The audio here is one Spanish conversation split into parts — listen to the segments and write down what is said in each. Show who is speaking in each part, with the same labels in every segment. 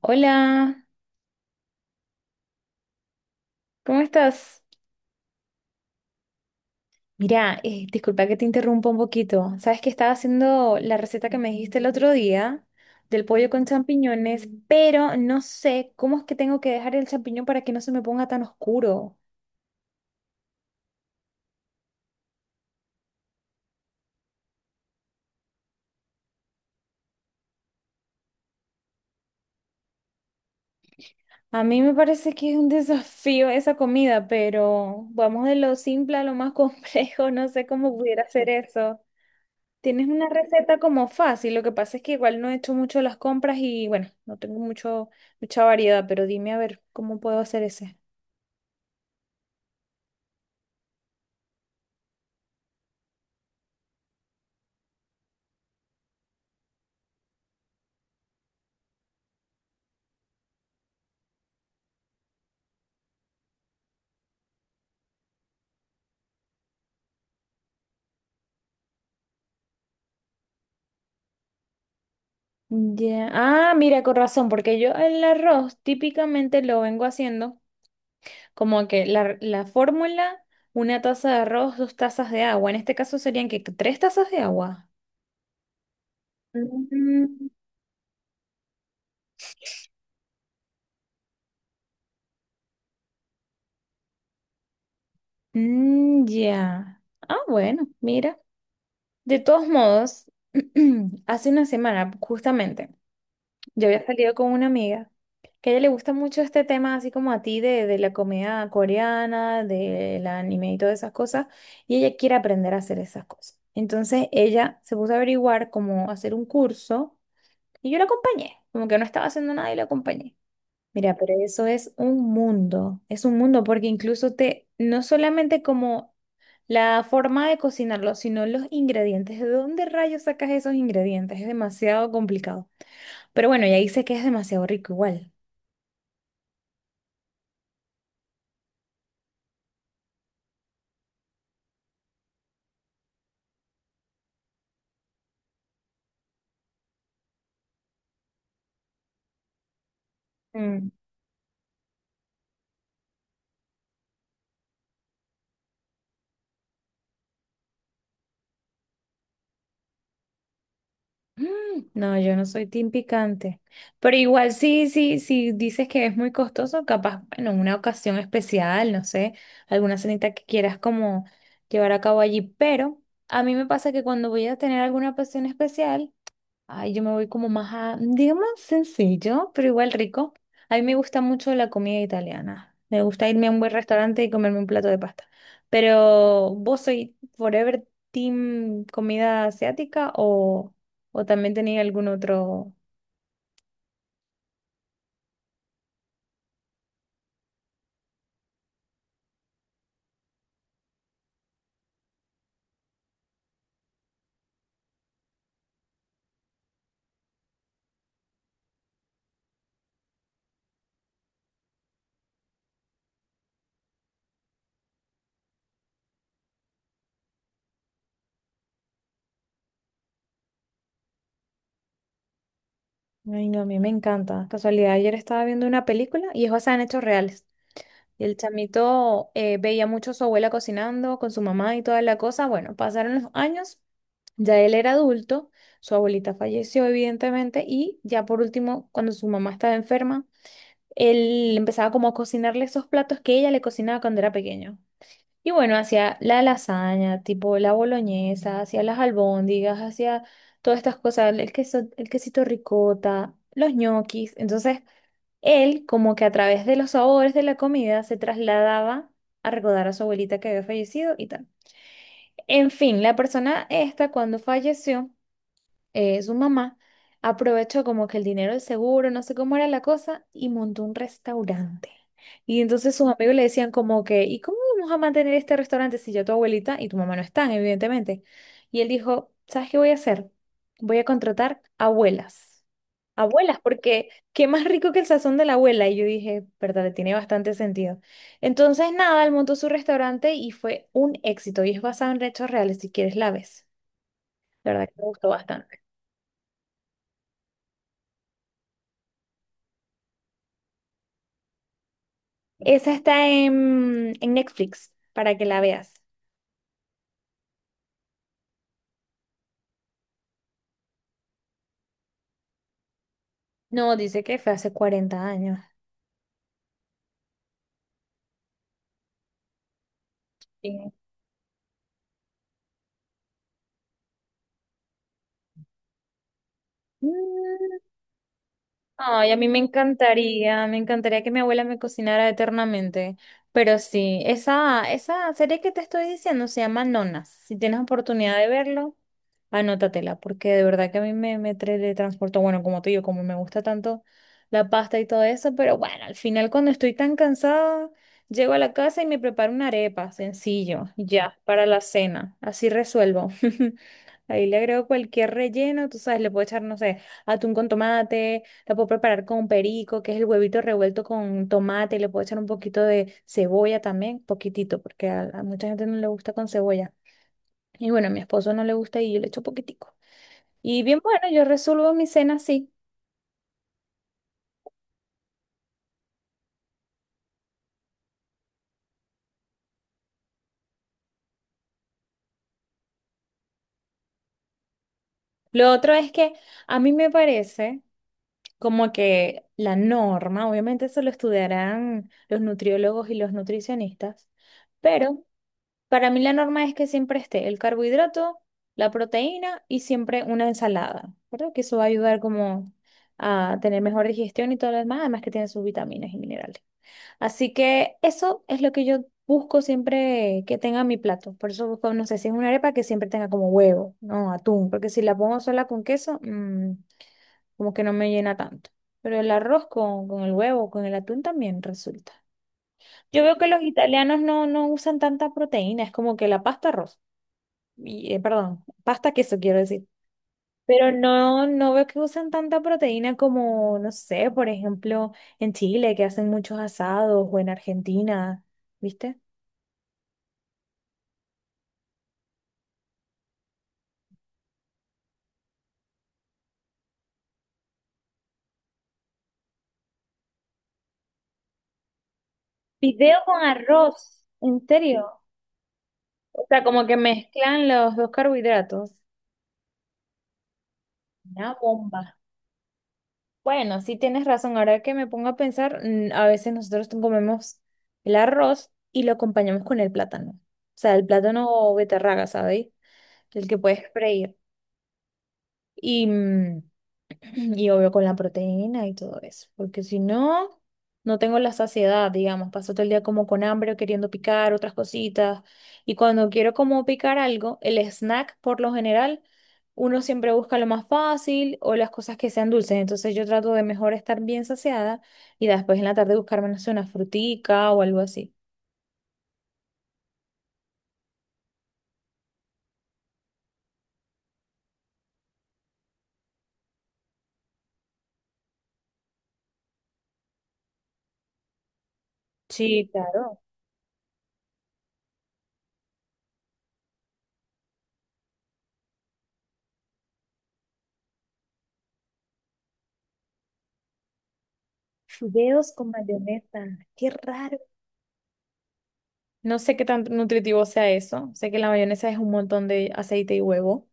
Speaker 1: Hola, ¿cómo estás? Mira, disculpa que te interrumpa un poquito. Sabes que estaba haciendo la receta que me dijiste el otro día del pollo con champiñones, pero no sé cómo es que tengo que dejar el champiñón para que no se me ponga tan oscuro. A mí me parece que es un desafío esa comida, pero vamos de lo simple a lo más complejo. No sé cómo pudiera hacer eso. Tienes una receta como fácil, lo que pasa es que igual no he hecho mucho las compras y bueno, no tengo mucha variedad, pero dime a ver cómo puedo hacer ese. Ya, ah, mira, con razón, porque yo el arroz típicamente lo vengo haciendo como que la fórmula, una taza de arroz, dos tazas de agua. En este caso serían que tres tazas de agua. Mm, mm, ya. Ah, bueno, mira. De todos modos, hace una semana, justamente. Yo había salido con una amiga que a ella le gusta mucho este tema, así como a ti, de la comida coreana, del anime y todas esas cosas, y ella quiere aprender a hacer esas cosas. Entonces ella se puso a averiguar cómo hacer un curso y yo la acompañé, como que no estaba haciendo nada y la acompañé. Mira, pero eso es un mundo porque incluso te, no solamente como la forma de cocinarlo, sino los ingredientes, ¿de dónde rayos sacas esos ingredientes? Es demasiado complicado. Pero bueno, ya dice que es demasiado rico igual. Mm. Mm, no, yo no soy team picante. Pero igual sí, sí, sí dices que es muy costoso, capaz, bueno, una ocasión especial, no sé, alguna cenita que quieras como llevar a cabo allí. Pero a mí me pasa que cuando voy a tener alguna ocasión especial, ay, yo me voy como más a, digamos, sencillo, pero igual rico. A mí me gusta mucho la comida italiana. Me gusta irme a un buen restaurante y comerme un plato de pasta. Pero, ¿vos soy forever team comida asiática o también tenía algún otro? Ay, no, a mí me encanta. Casualidad, ayer estaba viendo una película y es basada en hechos reales. Y el chamito veía mucho a su abuela cocinando con su mamá y toda la cosa. Bueno, pasaron los años. Ya él era adulto, su abuelita falleció evidentemente y ya por último, cuando su mamá estaba enferma, él empezaba como a cocinarle esos platos que ella le cocinaba cuando era pequeño. Y bueno, hacía la lasaña, tipo la boloñesa, hacía las albóndigas, hacía todas estas cosas, el queso, el quesito ricota, los ñoquis. Entonces, él como que a través de los sabores de la comida se trasladaba a recordar a su abuelita que había fallecido y tal. En fin, la persona esta cuando falleció su mamá aprovechó como que el dinero del seguro, no sé cómo era la cosa, y montó un restaurante. Y entonces sus amigos le decían como que, ¿y cómo vamos a mantener este restaurante si ya tu abuelita y tu mamá no están, evidentemente? Y él dijo, ¿sabes qué voy a hacer? Voy a contratar abuelas. Abuelas, porque qué más rico que el sazón de la abuela. Y yo dije, verdad, tiene bastante sentido. Entonces, nada, él montó su restaurante y fue un éxito. Y es basado en hechos reales, si quieres la ves. La verdad que me gustó bastante. Esa está en Netflix para que la veas. No, dice que fue hace 40 años. Sí. Mm, ay, a mí me encantaría que mi abuela me cocinara eternamente. Pero sí, esa serie que te estoy diciendo se llama Nonas. Si tienes oportunidad de verlo, anótatela, porque de verdad que a mí me, me transporto, bueno, como te digo, como me gusta tanto la pasta y todo eso, pero bueno, al final cuando estoy tan cansada, llego a la casa y me preparo una arepa, sencillo, ya, para la cena. Así resuelvo. Ahí le agrego cualquier relleno, tú sabes, le puedo echar, no sé, atún con tomate, la puedo preparar con perico, que es el huevito revuelto con tomate, le puedo echar un poquito de cebolla también, poquitito, porque a mucha gente no le gusta con cebolla. Y bueno, a mi esposo no le gusta y yo le echo poquitico. Y bien, bueno, yo resuelvo mi cena así. Lo otro es que a mí me parece como que la norma, obviamente eso lo estudiarán los nutriólogos y los nutricionistas, pero... Para mí la norma es que siempre esté el carbohidrato, la proteína y siempre una ensalada, ¿verdad? Que eso va a ayudar como a tener mejor digestión y todo lo demás, además que tiene sus vitaminas y minerales. Así que eso es lo que yo busco siempre que tenga mi plato. Por eso busco, no sé, si es una arepa que siempre tenga como huevo, no atún, porque si la pongo sola con queso, mm, como que no me llena tanto. Pero el arroz con el huevo, con el atún también resulta. Yo veo que los italianos no, no usan tanta proteína, es como que la pasta arroz y, perdón, pasta queso quiero decir. Pero no, no veo que usen tanta proteína como, no sé, por ejemplo, en Chile, que hacen muchos asados, o en Argentina, ¿viste? Video con arroz. ¿En serio? O sea, como que mezclan los dos carbohidratos. Una bomba. Bueno, sí tienes razón. Ahora que me pongo a pensar, mm, a veces nosotros comemos el arroz y lo acompañamos con el plátano. O sea, el plátano o beterraga, ¿sabéis? El que puedes freír. Y, mm, y obvio con la proteína y todo eso, porque si no, no tengo la saciedad, digamos, paso todo el día como con hambre o queriendo picar otras cositas. Y cuando quiero como picar algo, el snack por lo general, uno siempre busca lo más fácil o las cosas que sean dulces. Entonces yo trato de mejor estar bien saciada y después en la tarde buscarme, no sé, una frutica o algo así. Sí, claro. Fideos con mayonesa, qué raro. No sé qué tan nutritivo sea eso. Sé que la mayonesa es un montón de aceite y huevo.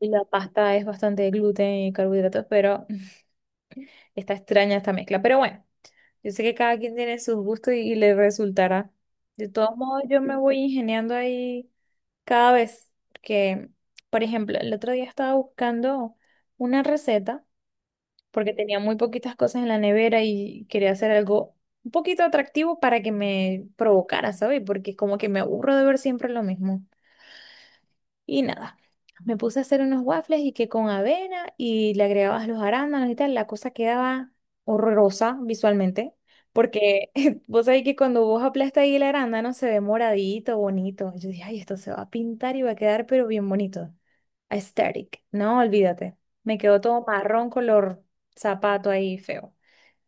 Speaker 1: La pasta es bastante gluten y carbohidratos, pero está extraña esta mezcla. Pero bueno, yo sé que cada quien tiene sus gustos y le resultará. De todos modos, yo me voy ingeniando ahí cada vez. Porque, por ejemplo, el otro día estaba buscando una receta porque tenía muy poquitas cosas en la nevera y quería hacer algo un poquito atractivo para que me provocara, ¿sabes? Porque como que me aburro de ver siempre lo mismo. Y nada, me puse a hacer unos waffles y que con avena y le agregabas los arándanos y tal, la cosa quedaba horrorosa visualmente, porque vos sabés que cuando vos aplastas ahí el arándano se ve moradito, bonito. Yo dije, ay, esto se va a pintar y va a quedar pero bien bonito. Aesthetic. No, olvídate. Me quedó todo marrón color zapato ahí feo.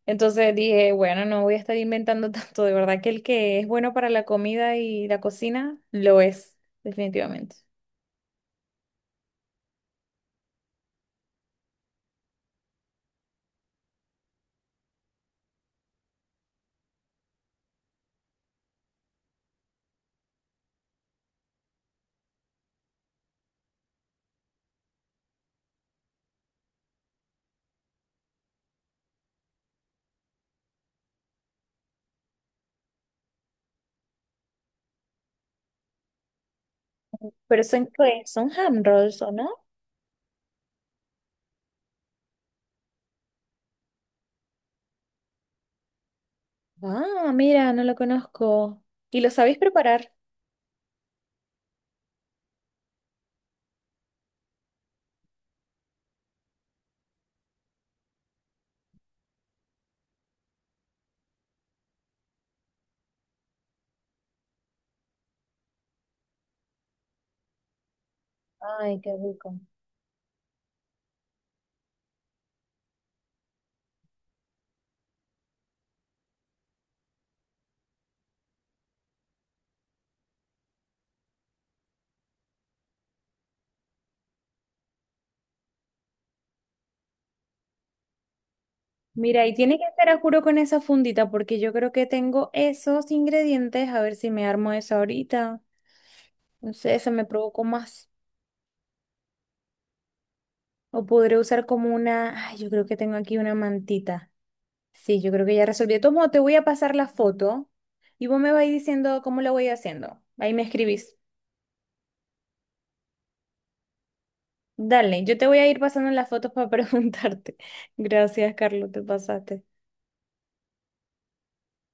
Speaker 1: Entonces dije, bueno, no voy a estar inventando tanto. De verdad que el que es bueno para la comida y la cocina, lo es, definitivamente. Pero son, ¿qué? ¿Son ham rolls, o no? Ah, mira, no lo conozco. ¿Y lo sabéis preparar? Ay, qué rico. Mira, y tiene que ser a juro con esa fundita, porque yo creo que tengo esos ingredientes. A ver si me armo esa ahorita. No sé, se me provocó más. O podré usar como una. Ay, yo creo que tengo aquí una mantita. Sí, yo creo que ya resolví. Tomo, te voy a pasar la foto y vos me vais diciendo cómo lo voy haciendo. Ahí me escribís. Dale, yo te voy a ir pasando las fotos para preguntarte. Gracias, Carlos, te pasaste.